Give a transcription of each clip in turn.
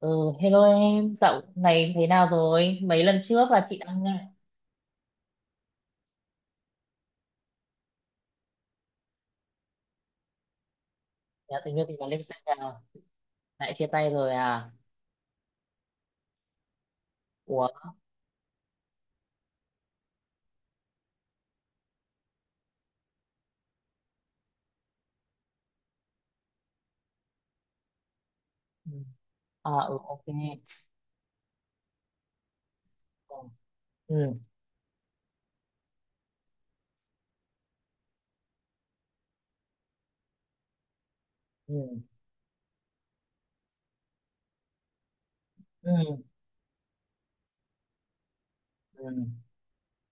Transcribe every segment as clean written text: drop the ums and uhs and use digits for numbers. Ừ, hello em, dạo này thế nào rồi? Mấy lần trước là chị đang nghe nhà tình yêu thì có lên xem nào? Lại chia tay rồi à? Ủa? Ừ. À, ừ, ok. Ừ, ừ, ừ, ừ, ừ.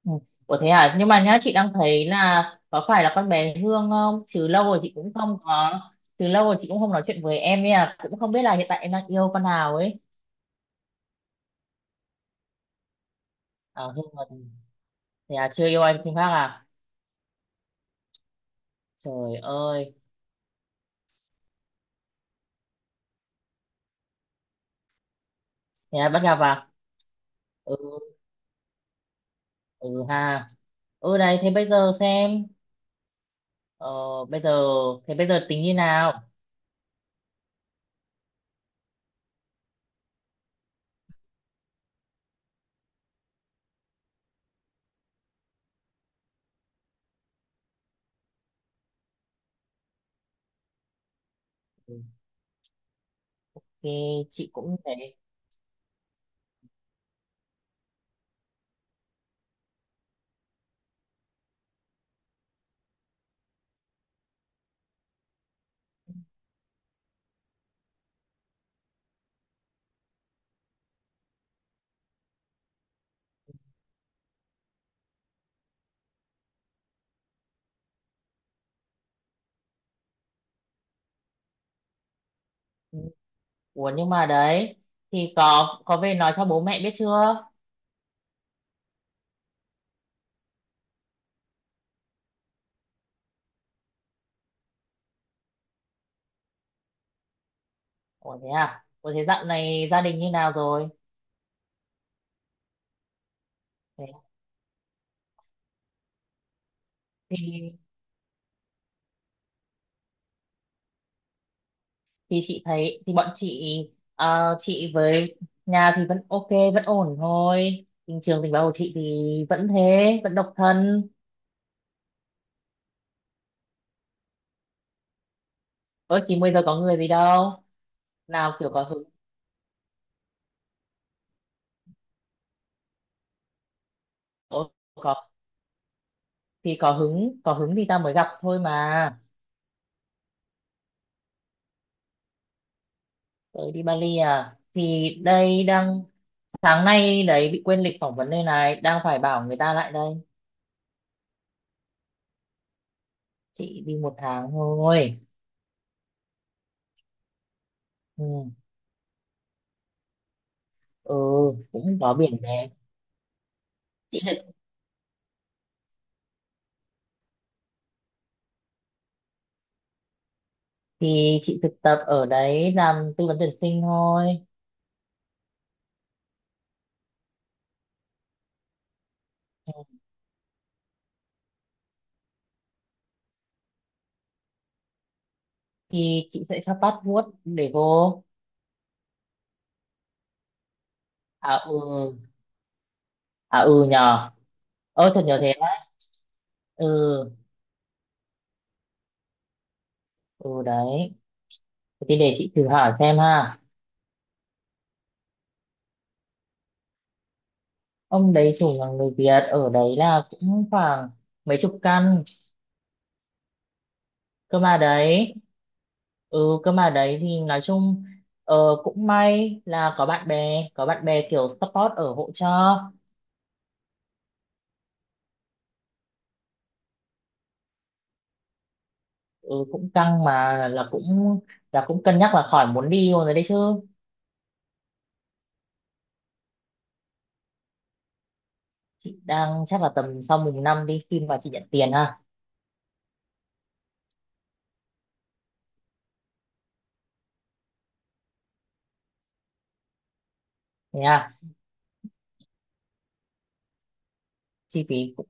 Ừ. Ủa thế à? Nhưng mà nhá, chị đang thấy là có phải là con bé Hương không? Chứ lâu rồi chị cũng không có, chứ lâu rồi chị cũng không nói chuyện với em ấy à. Cũng không biết là hiện tại em đang yêu con nào ấy. À, Hương mà thế à, chưa yêu anh Thiên Khác à? Trời ơi, thế à, bắt gặp à? Ừ. Ừ ha, ừ đấy, thế bây giờ xem, ờ, bây giờ thế bây giờ tính như nào? Ừ, thì chị cũng thấy, ừ. Ủa nhưng mà đấy, thì có về nói cho bố mẹ biết chưa? Ủa thế à? Ủa thế dạo này gia đình như nào rồi? Thế, thì thì chị thấy thì bọn chị, chị với nhà thì vẫn ok, vẫn ổn thôi. Tình trường tình báo của chị thì vẫn thế, vẫn độc thân. Ơ chị bây giờ có người gì đâu, nào kiểu có hứng, có thì có hứng, có hứng thì ta mới gặp thôi mà. Tớ đi Bali à? Thì đây đang, sáng nay đấy bị quên lịch phỏng vấn đây này, đang phải bảo người ta lại đây. Chị đi 1 tháng thôi. Ừ, ừ cũng có biển đẹp. Chị thực thì chị thực tập ở đấy làm tư vấn tuyển sinh thôi. Ừ, thì chị sẽ cho passport để vô. À ừ, à ừ nhờ, ơ chợt nhớ thế đấy. Ừ. Ừ đấy, thì để chị thử hỏi xem ha. Ông đấy chủ là người Việt, ở đấy là cũng khoảng mấy chục căn. Cơ mà đấy, ừ cơ mà đấy thì nói chung, ờ, cũng may là có bạn bè, kiểu support ở hỗ trợ. Ừ, cũng căng mà là cũng cân nhắc là khỏi muốn đi rồi đấy, đấy chứ. Chị đang chắc là tầm sau mùng 5 đi, khi mà chị nhận tiền ha. Thế à. Chi phí cũng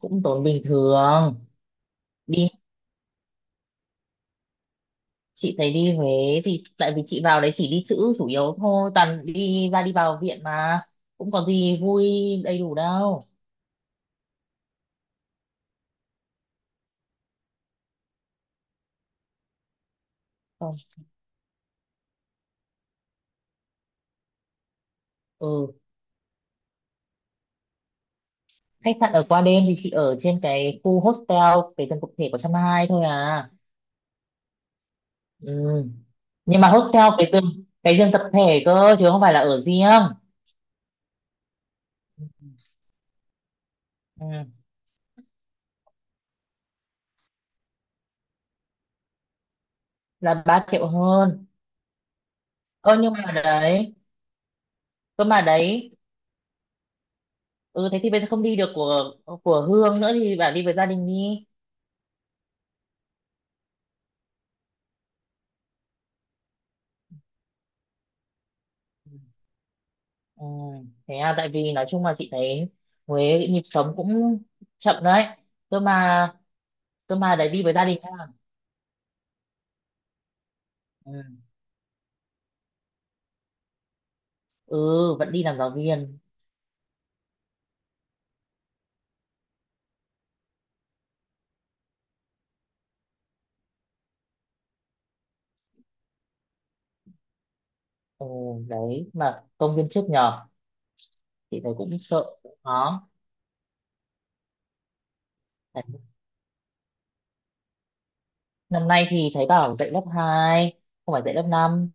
cũng tốn bình thường. Đi, chị thấy đi Huế thì tại vì chị vào đấy chỉ đi chữ chủ yếu thôi, toàn đi ra đi vào viện mà cũng có gì vui đầy đủ đâu. Không. Ừ. Khách sạn ở qua đêm thì chị ở trên cái khu hostel, cái giường tập thể có trăm hai thôi à. Ừ. Nhưng mà hostel cái giường, tập thể cơ chứ không phải là ở riêng. Ừ. Ừ. Là 3 triệu hơn. Ơ nhưng mà đấy, cơ mà đấy, ừ thế thì bây giờ không đi được của Hương nữa thì bảo đi với gia đình đi. Ừ, thế à, tại vì nói chung là chị thấy Huế nhịp sống cũng chậm đấy. Cơ mà, cơ mà đấy đi với gia đình ha. Ừ. Ừ, vẫn đi làm giáo viên. Ừ, đấy mà công viên trước nhờ, chị thấy cũng sợ cũng khó. Đấy. Năm nay thì thấy bảo dạy lớp hai, không phải dạy lớp 5.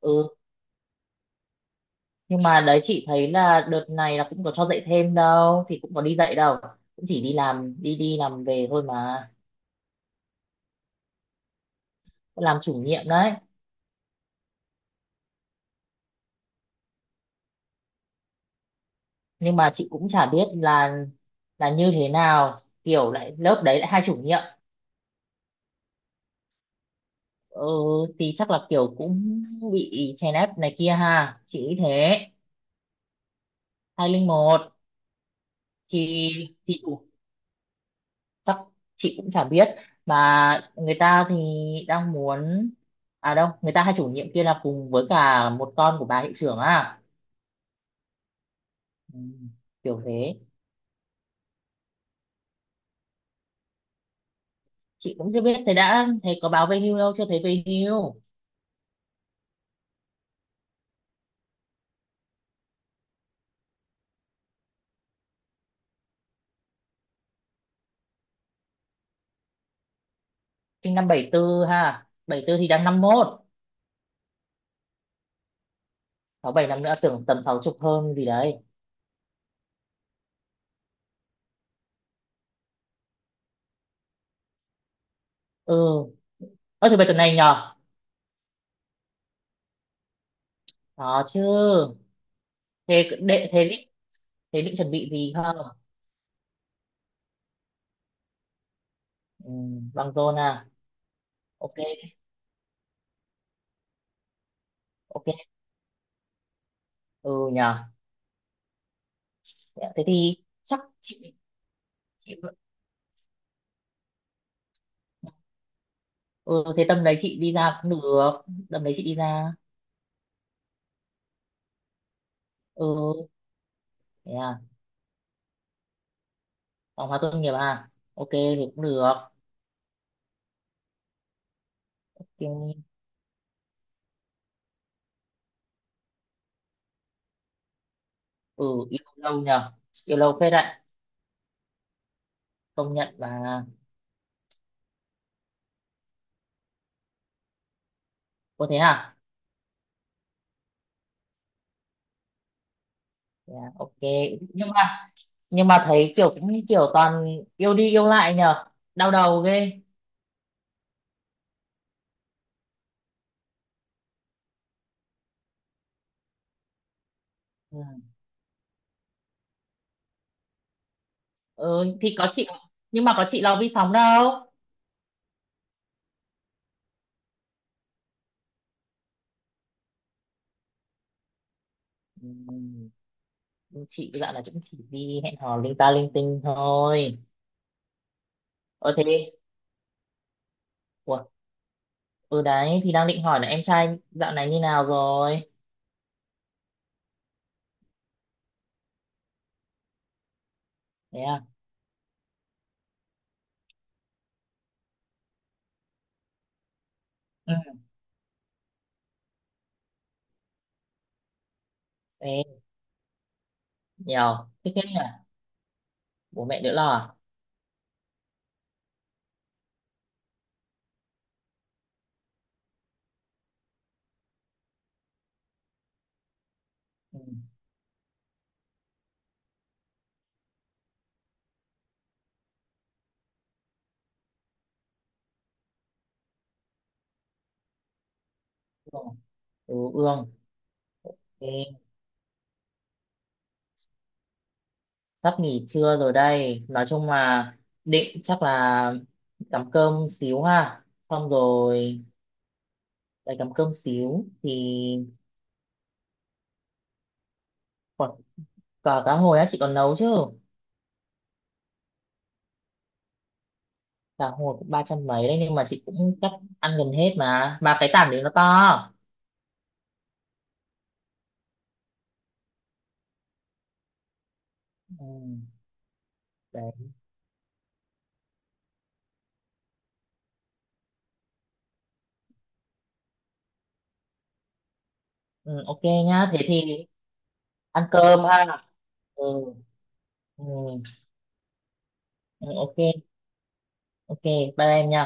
Ừ, nhưng mà đấy chị thấy là đợt này là cũng có cho dạy thêm đâu, thì cũng có đi dạy đâu, cũng chỉ đi làm, đi đi làm về thôi mà. Cũng làm chủ nhiệm đấy. Nhưng mà chị cũng chả biết là như thế nào, kiểu lại lớp đấy lại hai chủ nhiệm. Ừ, thì chắc là kiểu cũng bị chèn ép này kia ha, chị nghĩ thế. 201. Thì thì chủ chắc chị cũng chả biết, mà người ta thì đang muốn, à đâu người ta hai chủ nhiệm kia là cùng với cả một con của bà hiệu trưởng à. Ừ, kiểu thế. Chị cũng chưa biết, thế đã thấy có báo về hưu đâu, chưa thấy về hưu. Sinh năm 74 ha, 74 thì đang 51. Sáu bảy năm nữa, tưởng tầm sáu chục hơn gì đấy. Ừ. Ơ thứ bảy tuần này nhờ. Đó chứ. thế đệ thế định thế định chuẩn bị gì không? Ừ, băng rôn à. Ok, ok, ừ nhờ. Thế thì, chắc chị, ừ thế tầm đấy chị đi ra cũng được. Tầm đấy chị đi ra. Ừ thế à, phòng hóa tốt nghiệp à, ok thì cũng được. Nhưng- ừ yêu lâu nhờ, yêu lâu phết đấy, công nhận. Và có thế à. Dạ, ok. Nhưng mà, nhưng mà thấy kiểu cũng kiểu toàn yêu đi yêu lại nhờ, đau đầu ghê. Ừ. Ừ thì có chị, nhưng mà có chị lo vi sóng đâu. Ừ. Chị dạo là cũng chỉ đi hẹn hò linh ta linh tinh thôi. Ờ thế ủa ừ đấy thì đang định hỏi là em trai dạo này như nào rồi. Thế à. Ừ. Thế nhiều thích thế nhỉ. Bố mẹ đỡ lo à. Ừ. Ương. Ừ ương. Sắp nghỉ trưa rồi đây, nói chung là định chắc là cắm cơm xíu ha, xong rồi lại cắm cơm xíu thì. Còn cả cá hồi á, chị còn nấu chứ. Cá hồi cũng 300 mấy đấy, nhưng mà chị cũng chắc ăn gần hết mà cái tảng đấy nó to. Ừ, đấy. Ừ, ok nhá, thế thì ăn cơm ha. Ừ, ừ, ừ, ok, ok, bye em nha.